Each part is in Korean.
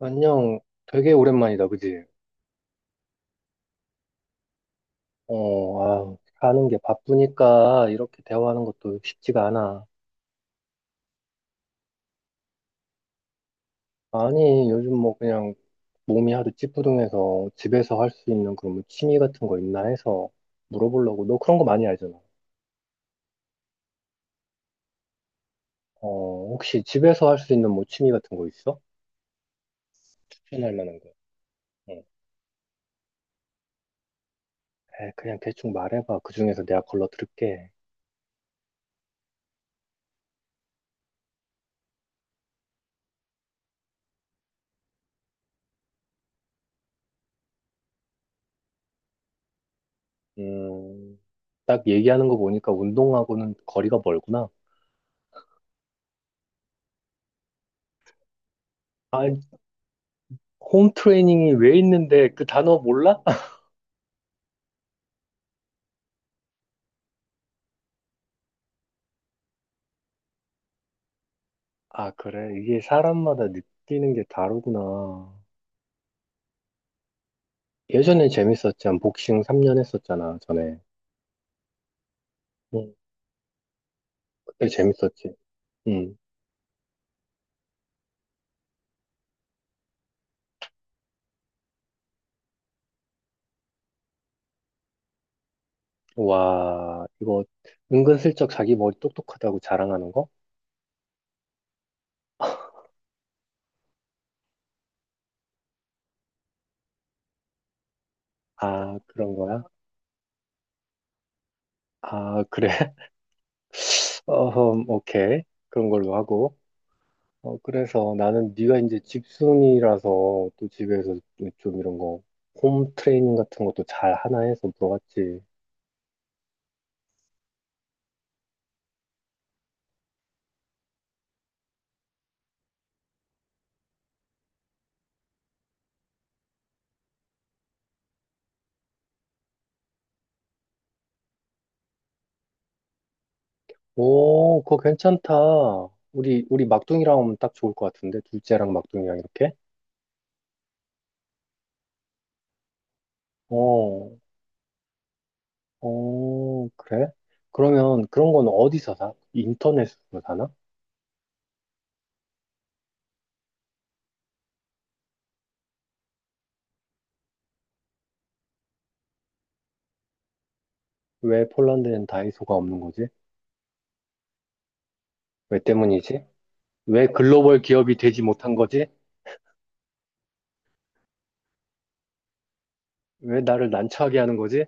안녕. 되게 오랜만이다, 그지? 어, 아, 사는 게 바쁘니까 이렇게 대화하는 것도 쉽지가 않아. 아니, 요즘 뭐 그냥 몸이 하도 찌뿌둥해서 집에서 할 수 있는 그런 뭐 취미 같은 거 있나 해서 물어보려고. 너 그런 거 많이 알잖아. 어, 혹시 집에서 할 수 있는 뭐 취미 같은 거 있어? 추천할 만한 거. 어. 에, 그냥 대충 말해봐. 그 중에서 내가 걸러들을게. 음, 딱 얘기하는 거 보니까 운동하고는 거리가 멀구나. 아, 홈 트레이닝이 왜 있는데 그 단어 몰라? 아, 그래. 이게 사람마다 느끼는 게 다르구나. 예전엔 재밌었지만 복싱 3년 했었잖아, 전에. 응, 그때 재밌었지. 응. 와, 이거 은근슬쩍 자기 머리 똑똑하다고 자랑하는 거? 아, 그런 거야? 아, 그래. 어, 오케이. 그런 걸로 하고. 어, 그래서 나는 네가 이제 집순이라서 또 집에서 좀 이런 거 홈 트레이닝 같은 것도 잘 하나 해서 물어봤지. 오, 그거 괜찮다. 우리 막둥이랑 오면 딱 좋을 것 같은데? 둘째랑 막둥이랑 이렇게? 어, 어, 그래? 그러면 그런 건 어디서 사? 인터넷으로 사나? 왜 폴란드엔 다이소가 없는 거지? 왜 때문이지? 왜 글로벌 기업이 되지 못한 거지? 왜 나를 난처하게 하는 거지?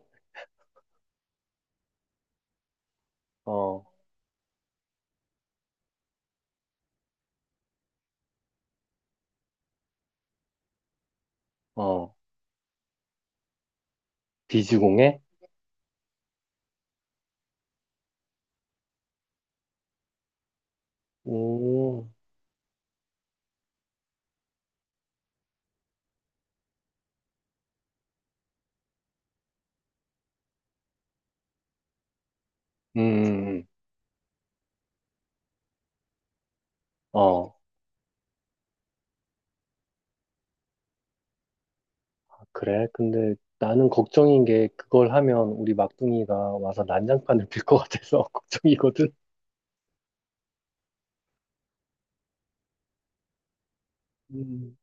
어, 어, 비즈공해? 오, 음, 음, 음. 어, 그래? 근데 나는 걱정인 게 그걸 하면 우리 막둥이가 와서 난장판을 빌 것 같아서 걱정이거든. 음.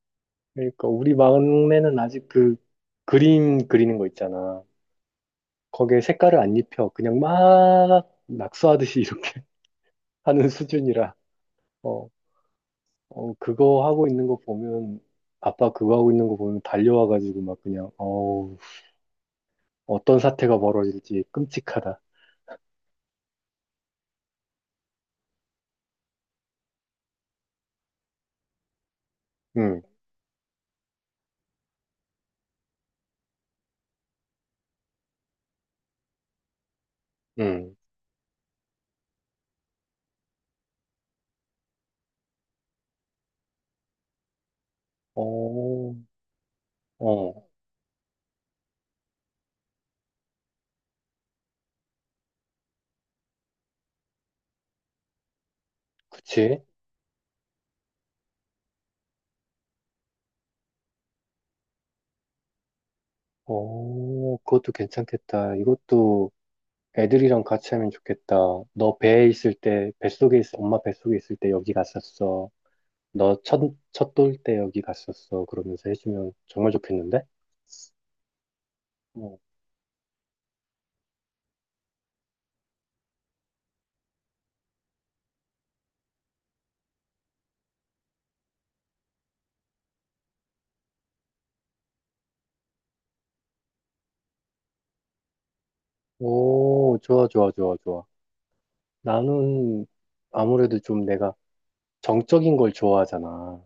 그러니까 우리 막내는 아직 그 그림 그리는 거 있잖아. 거기에 색깔을 안 입혀. 그냥 막 낙서하듯이 이렇게 하는 수준이라. 어, 어, 그거 하고 있는 거 보면, 아빠 그거 하고 있는 거 보면 달려와가지고 막 그냥, 어우, 어떤 사태가 벌어질지 끔찍하다. 응, 응. 어, 어, 그치. 오, 그것도 괜찮겠다. 이것도 애들이랑 같이 하면 좋겠다. 너 배에 있을 때, 엄마 뱃속에 있을 때 여기 갔었어. 너 첫, 첫돌 때 여기 갔었어. 그러면서 해주면 정말 좋겠는데? 어. 오, 좋아, 좋아, 좋아, 좋아. 나는 아무래도 좀 내가 정적인 걸 좋아하잖아.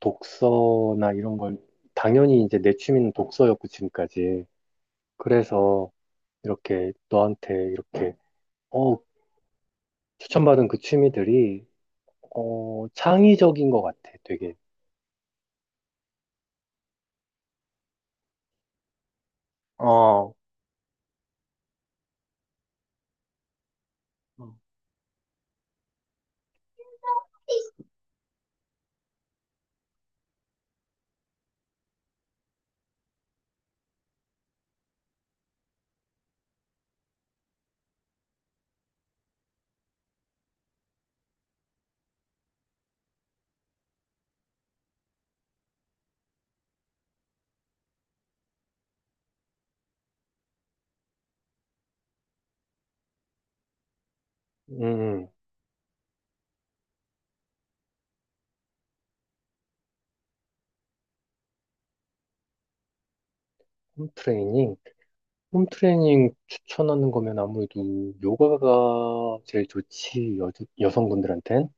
독서나 이런 걸, 당연히 이제 내 취미는 독서였고, 지금까지. 그래서 이렇게 너한테 이렇게 어, 추천받은 그 취미들이 어, 창의적인 것 같아, 되게. 어, 음, 홈트레이닝. 홈트레이닝 추천하는 거면 아무래도 요가가 제일 좋지, 여성분들한텐.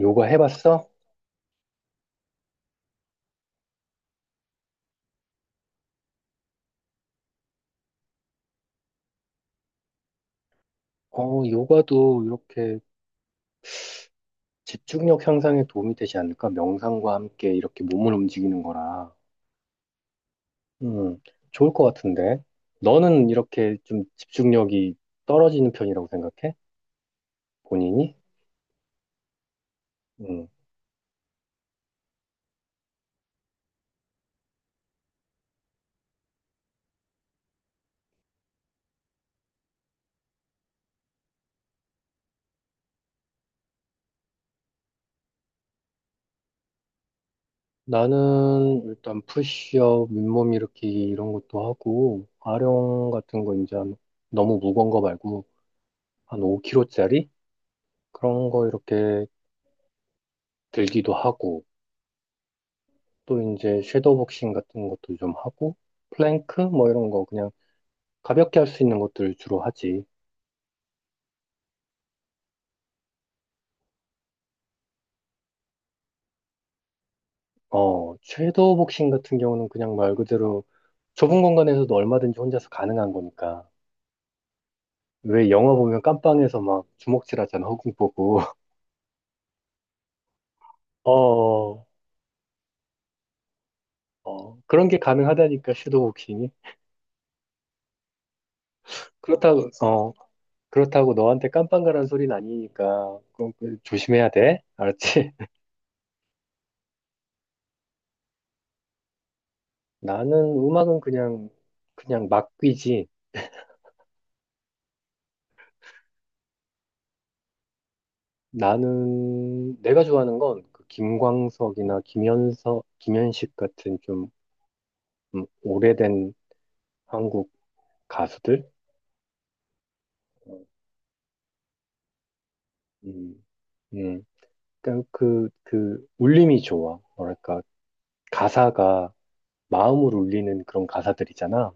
요가 해봤어? 어, 요가도 이렇게 집중력 향상에 도움이 되지 않을까? 명상과 함께 이렇게 몸을 움직이는 거라. 음, 좋을 것 같은데. 너는 이렇게 좀 집중력이 떨어지는 편이라고 생각해? 본인이? 음. 나는 일단 푸시업, 윗몸 일으키기 이런 것도 하고, 아령 같은 거 이제 한- 너무 무거운 거 말고 한 5kg짜리? 그런 거 이렇게 들기도 하고, 또 이제 섀도우 복싱 같은 것도 좀 하고, 플랭크 뭐 이런 거 그냥 가볍게 할 수 있는 것들 주로 하지. 어, 섀도우 복싱 같은 경우는 그냥 말 그대로 좁은 공간에서도 얼마든지 혼자서 가능한 거니까. 왜 영화 보면 깜빵에서 막 주먹질 하잖아, 허공 보고. 어, 어, 그런 게 가능하다니까, 섀도우복싱이. 그렇다고, 어, 그렇다고 너한테 깜빵가란 소리는 아니니까, 조심해야 돼. 알았지? 나는 음악은 그냥, 그냥 막 귀지. 나는, 내가 좋아하는 건그 김광석이나 김현식 같은 좀, 오래된 한국 가수들? 음, 음. 그러니까 울림이 좋아. 뭐랄까, 가사가 마음을 울리는 그런 가사들이잖아.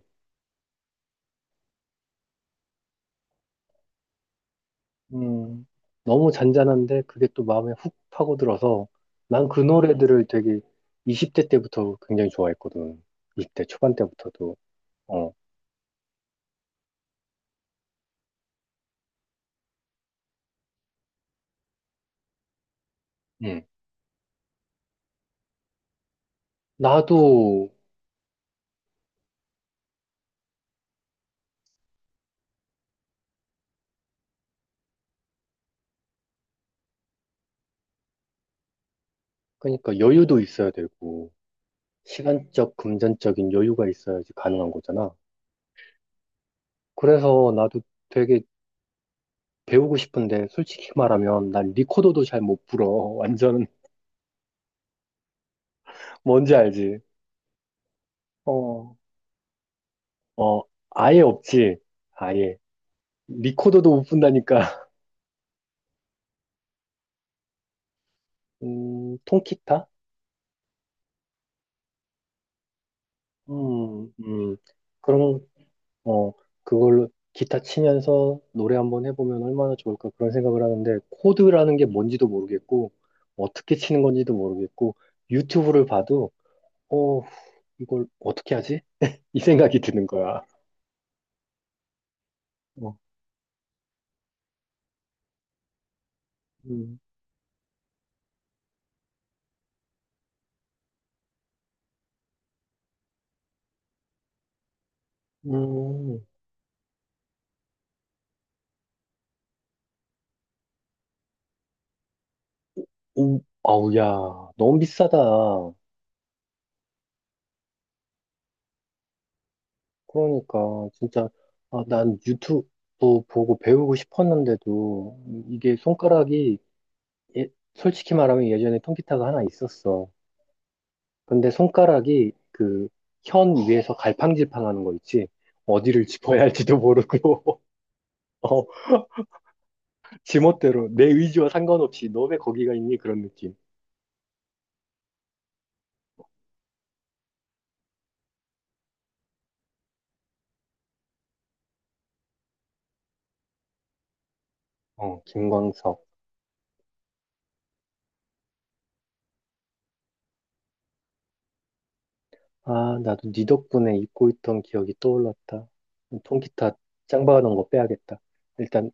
음, 너무 잔잔한데 그게 또 마음에 훅 파고들어서 난 그 노래들을 되게 20대 때부터 굉장히 좋아했거든. 20대 초반 때부터도. 어, 음. 나도 그러니까 여유도 있어야 되고 시간적, 금전적인 여유가 있어야지 가능한 거잖아. 그래서 나도 되게 배우고 싶은데 솔직히 말하면 난 리코더도 잘 못 불어. 완전 뭔지 알지? 어, 어, 아예 없지. 아예. 리코더도 못 분다니까. 통기타? 음, 음, 그럼, 어, 그걸로 기타 치면서 노래 한번 해보면 얼마나 좋을까 그런 생각을 하는데, 코드라는 게 뭔지도 모르겠고, 어떻게 치는 건지도 모르겠고, 유튜브를 봐도, 어, 이걸 어떻게 하지? 이 생각이 드는 거야. 어, 음, 음, 오, 아우, 야, 너무 비싸다. 그러니까, 진짜, 아, 난 유튜브 보고 배우고 싶었는데도, 이게 손가락이 솔직히 말하면 예전에 통기타가 하나 있었어. 근데 손가락이 그 현 위에서 갈팡질팡하는 거 있지. 어디를 짚어야 할지도 모르고, 어, 지멋대로 내 의지와 상관없이 너 왜 거기가 있니? 그런 느낌. 어, 김광석. 아, 나도 네 덕분에 잊고 있던 기억이 떠올랐다. 통기타 짱 박아놓은 거 빼야겠다. 일단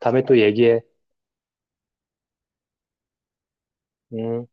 다음에 또 얘기해. 음.